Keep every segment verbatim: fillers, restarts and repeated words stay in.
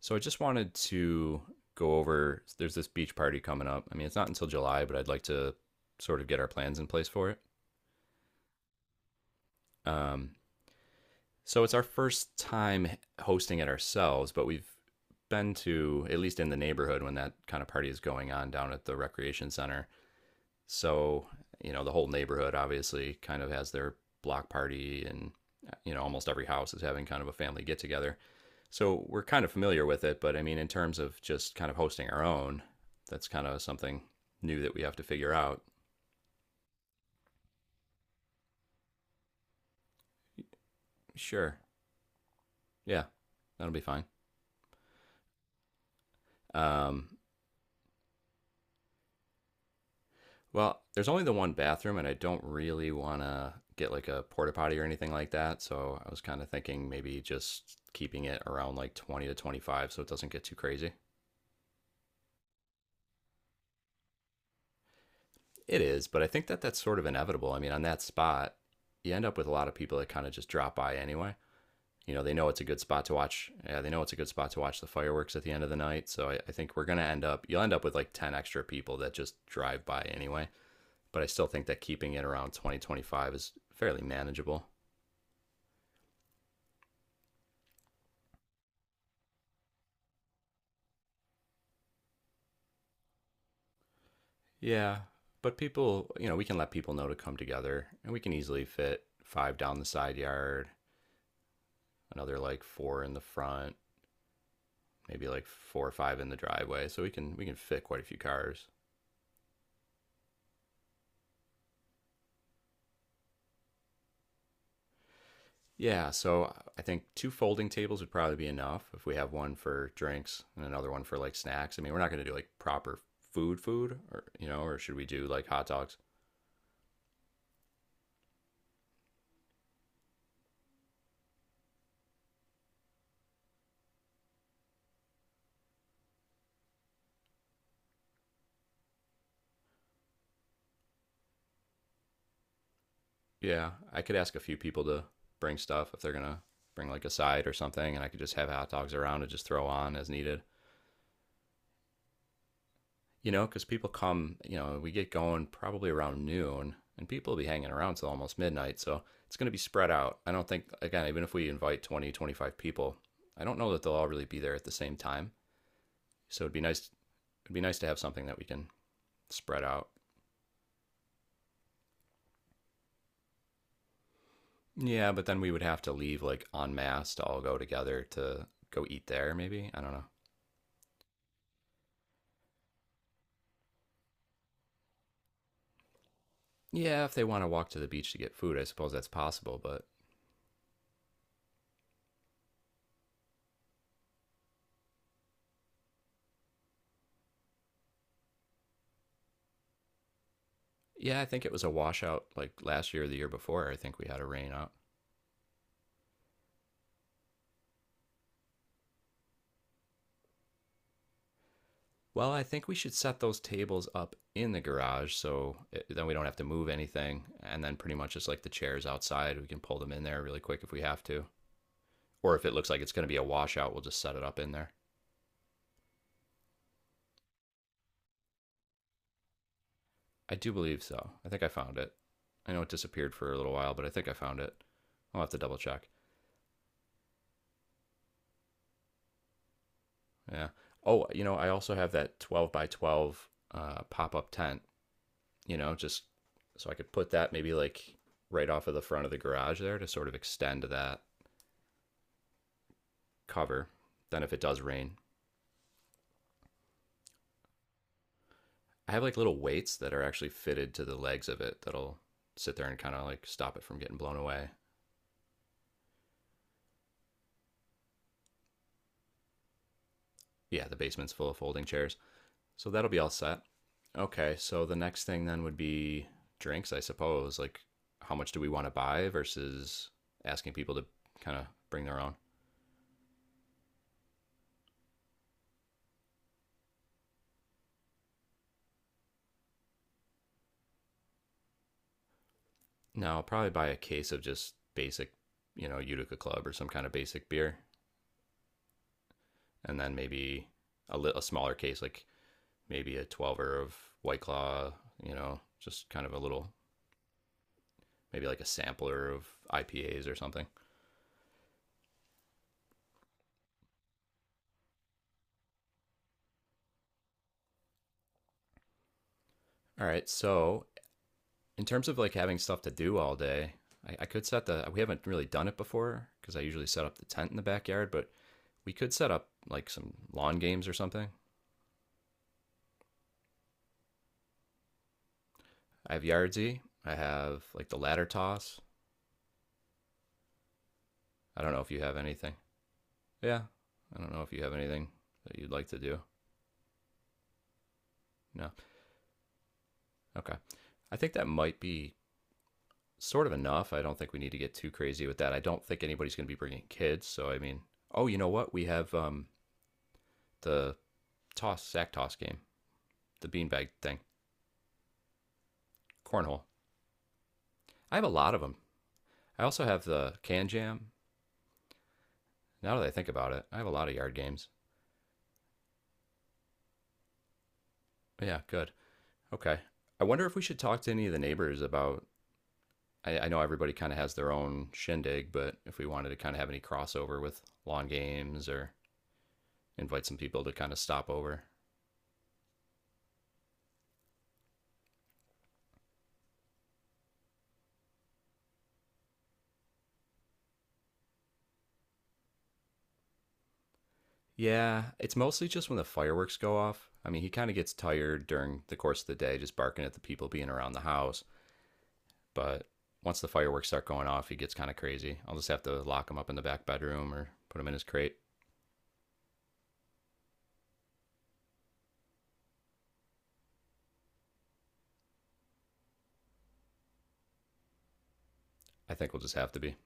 So I just wanted to go over there's this beach party coming up. I mean, it's not until July, but I'd like to sort of get our plans in place for it. Um, so it's our first time hosting it ourselves, but we've been to, at least in the neighborhood when that kind of party is going on down at the recreation center. So, you know, the whole neighborhood obviously kind of has their block party, and you know, almost every house is having kind of a family get together. So, we're kind of familiar with it, but I mean in terms of just kind of hosting our own, that's kind of something new that we have to figure out. Sure. Yeah. That'll be fine. Um well, there's only the one bathroom and I don't really want to get like a porta potty or anything like that, so I was kind of thinking maybe just keeping it around like twenty to twenty-five so it doesn't get too crazy. It is, but I think that that's sort of inevitable. I mean, on that spot, you end up with a lot of people that kind of just drop by anyway. You know, they know it's a good spot to watch. Yeah, they know it's a good spot to watch the fireworks at the end of the night. So I, I think we're going to end up, you'll end up with like ten extra people that just drive by anyway. But I still think that keeping it around twenty twenty five is fairly manageable. Yeah. But people, you know, we can let people know to come together, and we can easily fit five down the side yard, another like four in the front, maybe like four or five in the driveway, so we can we can fit quite a few cars. Yeah, so I think two folding tables would probably be enough if we have one for drinks and another one for like snacks. I mean, we're not going to do like proper food food, or you know, or should we do like hot dogs? Yeah, I could ask a few people to bring stuff if they're going to bring like a side or something, and I could just have hot dogs around and just throw on as needed. You know, because people come, you know, we get going probably around noon and people will be hanging around till almost midnight. So it's going to be spread out. I don't think, again, even if we invite twenty, twenty-five people, I don't know that they'll all really be there at the same time. So it'd be nice. It'd be nice to have something that we can spread out. Yeah, but then we would have to leave like en masse to all go together to go eat there, maybe. I don't know. Yeah, if they want to walk to the beach to get food, I suppose that's possible. But yeah, I think it was a washout like last year or the year before. I think we had a rain out. Well, I think we should set those tables up in the garage so it, then we don't have to move anything. And then pretty much just like the chairs outside, we can pull them in there really quick if we have to. Or if it looks like it's going to be a washout, we'll just set it up in there. I do believe so. I think I found it. I know it disappeared for a little while, but I think I found it. I'll have to double check. Yeah. Oh, you know, I also have that twelve by twelve uh, pop up tent, you know, just so I could put that maybe like right off of the front of the garage there to sort of extend that cover. Then, if it does rain. I have like little weights that are actually fitted to the legs of it that'll sit there and kind of like stop it from getting blown away. Yeah, the basement's full of folding chairs. So that'll be all set. Okay, so the next thing then would be drinks, I suppose. Like, how much do we want to buy versus asking people to kind of bring their own? No, I'll probably buy a case of just basic, you know, Utica Club or some kind of basic beer, and then maybe a, li- a smaller case, like maybe a twelve of White Claw, you know, just kind of a little, maybe like a sampler of I P As or something. All right. So, in terms of like having stuff to do all day, I, I could set the, we haven't really done it before because I usually set up the tent in the backyard, but we could set up like some lawn games or something. I have Yardzy. I have like the ladder toss. I don't know if you have anything. Yeah. I don't know if you have anything that you'd like to do. No. Okay. I think that might be sort of enough. I don't think we need to get too crazy with that. I don't think anybody's going to be bringing kids. So I mean, oh, you know what? We have um, the toss sack toss game, the beanbag thing, cornhole. I have a lot of them. I also have the can jam. Now that I think about it, I have a lot of yard games. Yeah, good. Okay. I wonder if we should talk to any of the neighbors about. I, I know everybody kind of has their own shindig, but if we wanted to kind of have any crossover with lawn games or invite some people to kind of stop over. Yeah, it's mostly just when the fireworks go off. I mean, he kind of gets tired during the course of the day, just barking at the people being around the house. But once the fireworks start going off, he gets kind of crazy. I'll just have to lock him up in the back bedroom or put him in his crate. I think we'll just have to be.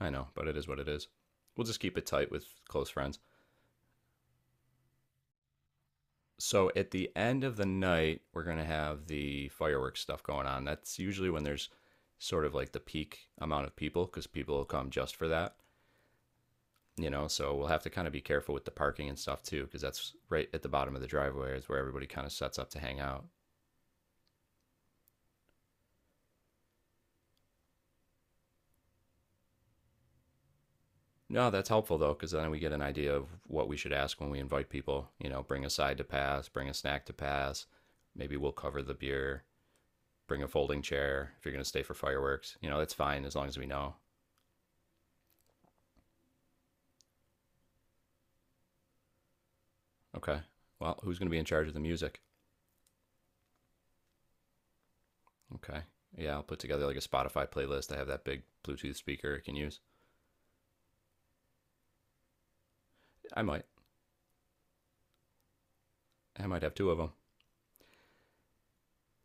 i know, but it is what it is. We'll just keep it tight with close friends. So at the end of the night, we're going to have the fireworks stuff going on. That's usually when there's sort of like the peak amount of people because people will come just for that. You know so we'll have to kind of be careful with the parking and stuff too because that's right at the bottom of the driveway is where everybody kind of sets up to hang out. No that's helpful though because then we get an idea of what we should ask when we invite people, you know, bring a side to pass, bring a snack to pass, maybe we'll cover the beer, bring a folding chair if you're going to stay for fireworks, you know, that's fine as long as we know. Okay well, who's going to be in charge of the music? Okay yeah i'll put together like a Spotify playlist. I have that big Bluetooth speaker I can use. I might. I might have two of them.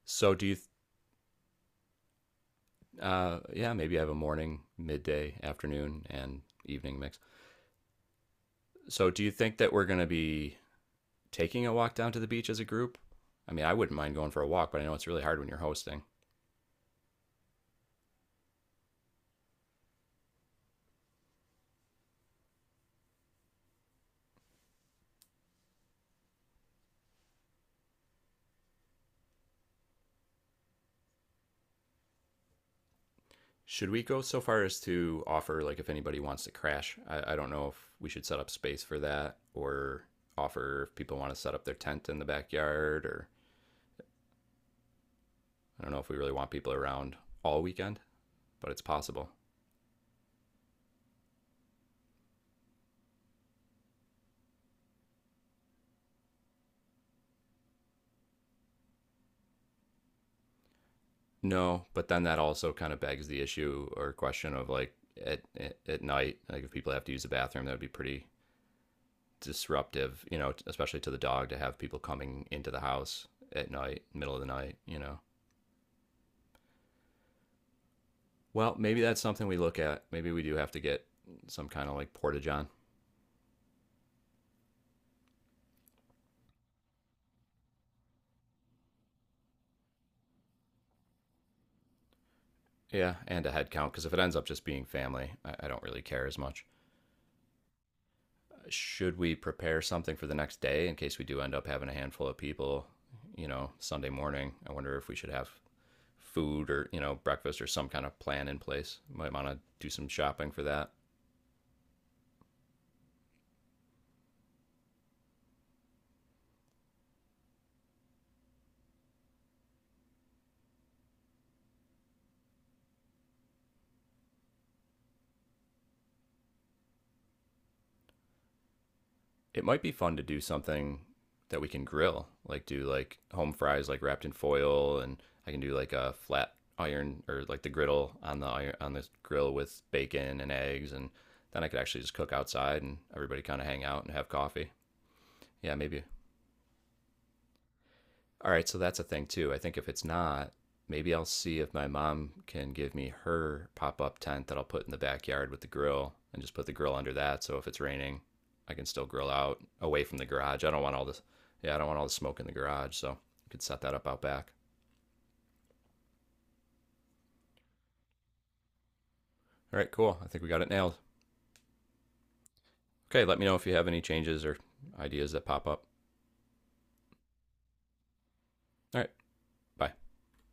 So do you? Uh, yeah, maybe I have a morning, midday, afternoon, and evening mix. So, do you think that we're going to be taking a walk down to the beach as a group? I mean, I wouldn't mind going for a walk, but I know it's really hard when you're hosting. Should we go so far as to offer, like, if anybody wants to crash? I, I don't know if we should set up space for that, or offer if people want to set up their tent in the backyard, or I don't know if we really want people around all weekend, but it's possible. No, but then that also kind of begs the issue or question of like at at- night, like if people have to use the bathroom, that would be pretty disruptive, you know, especially to the dog to have people coming into the house at night, middle of the night, you know. Well, maybe that's something we look at. Maybe we do have to get some kind of like portage on. Yeah, and a head count because if it ends up just being family, I, I don't really care as much. Should we prepare something for the next day in case we do end up having a handful of people? You know, Sunday morning. I wonder if we should have food or you know breakfast or some kind of plan in place. Might want to do some shopping for that. It might be fun to do something that we can grill, like do like home fries like wrapped in foil, and I can do like a flat iron or like the griddle on the iron on this grill with bacon and eggs, and then I could actually just cook outside and everybody kind of hang out and have coffee. Yeah, maybe. All right, so that's a thing too. I think if it's not, maybe I'll see if my mom can give me her pop up tent that I'll put in the backyard with the grill and just put the grill under that. So if it's raining, I can still grill out away from the garage. I don't want all this, yeah, I don't want all the smoke in the garage. So you could set that up out back. All right, cool. I think we got it nailed. Okay, let me know if you have any changes or ideas that pop up. All right, bye.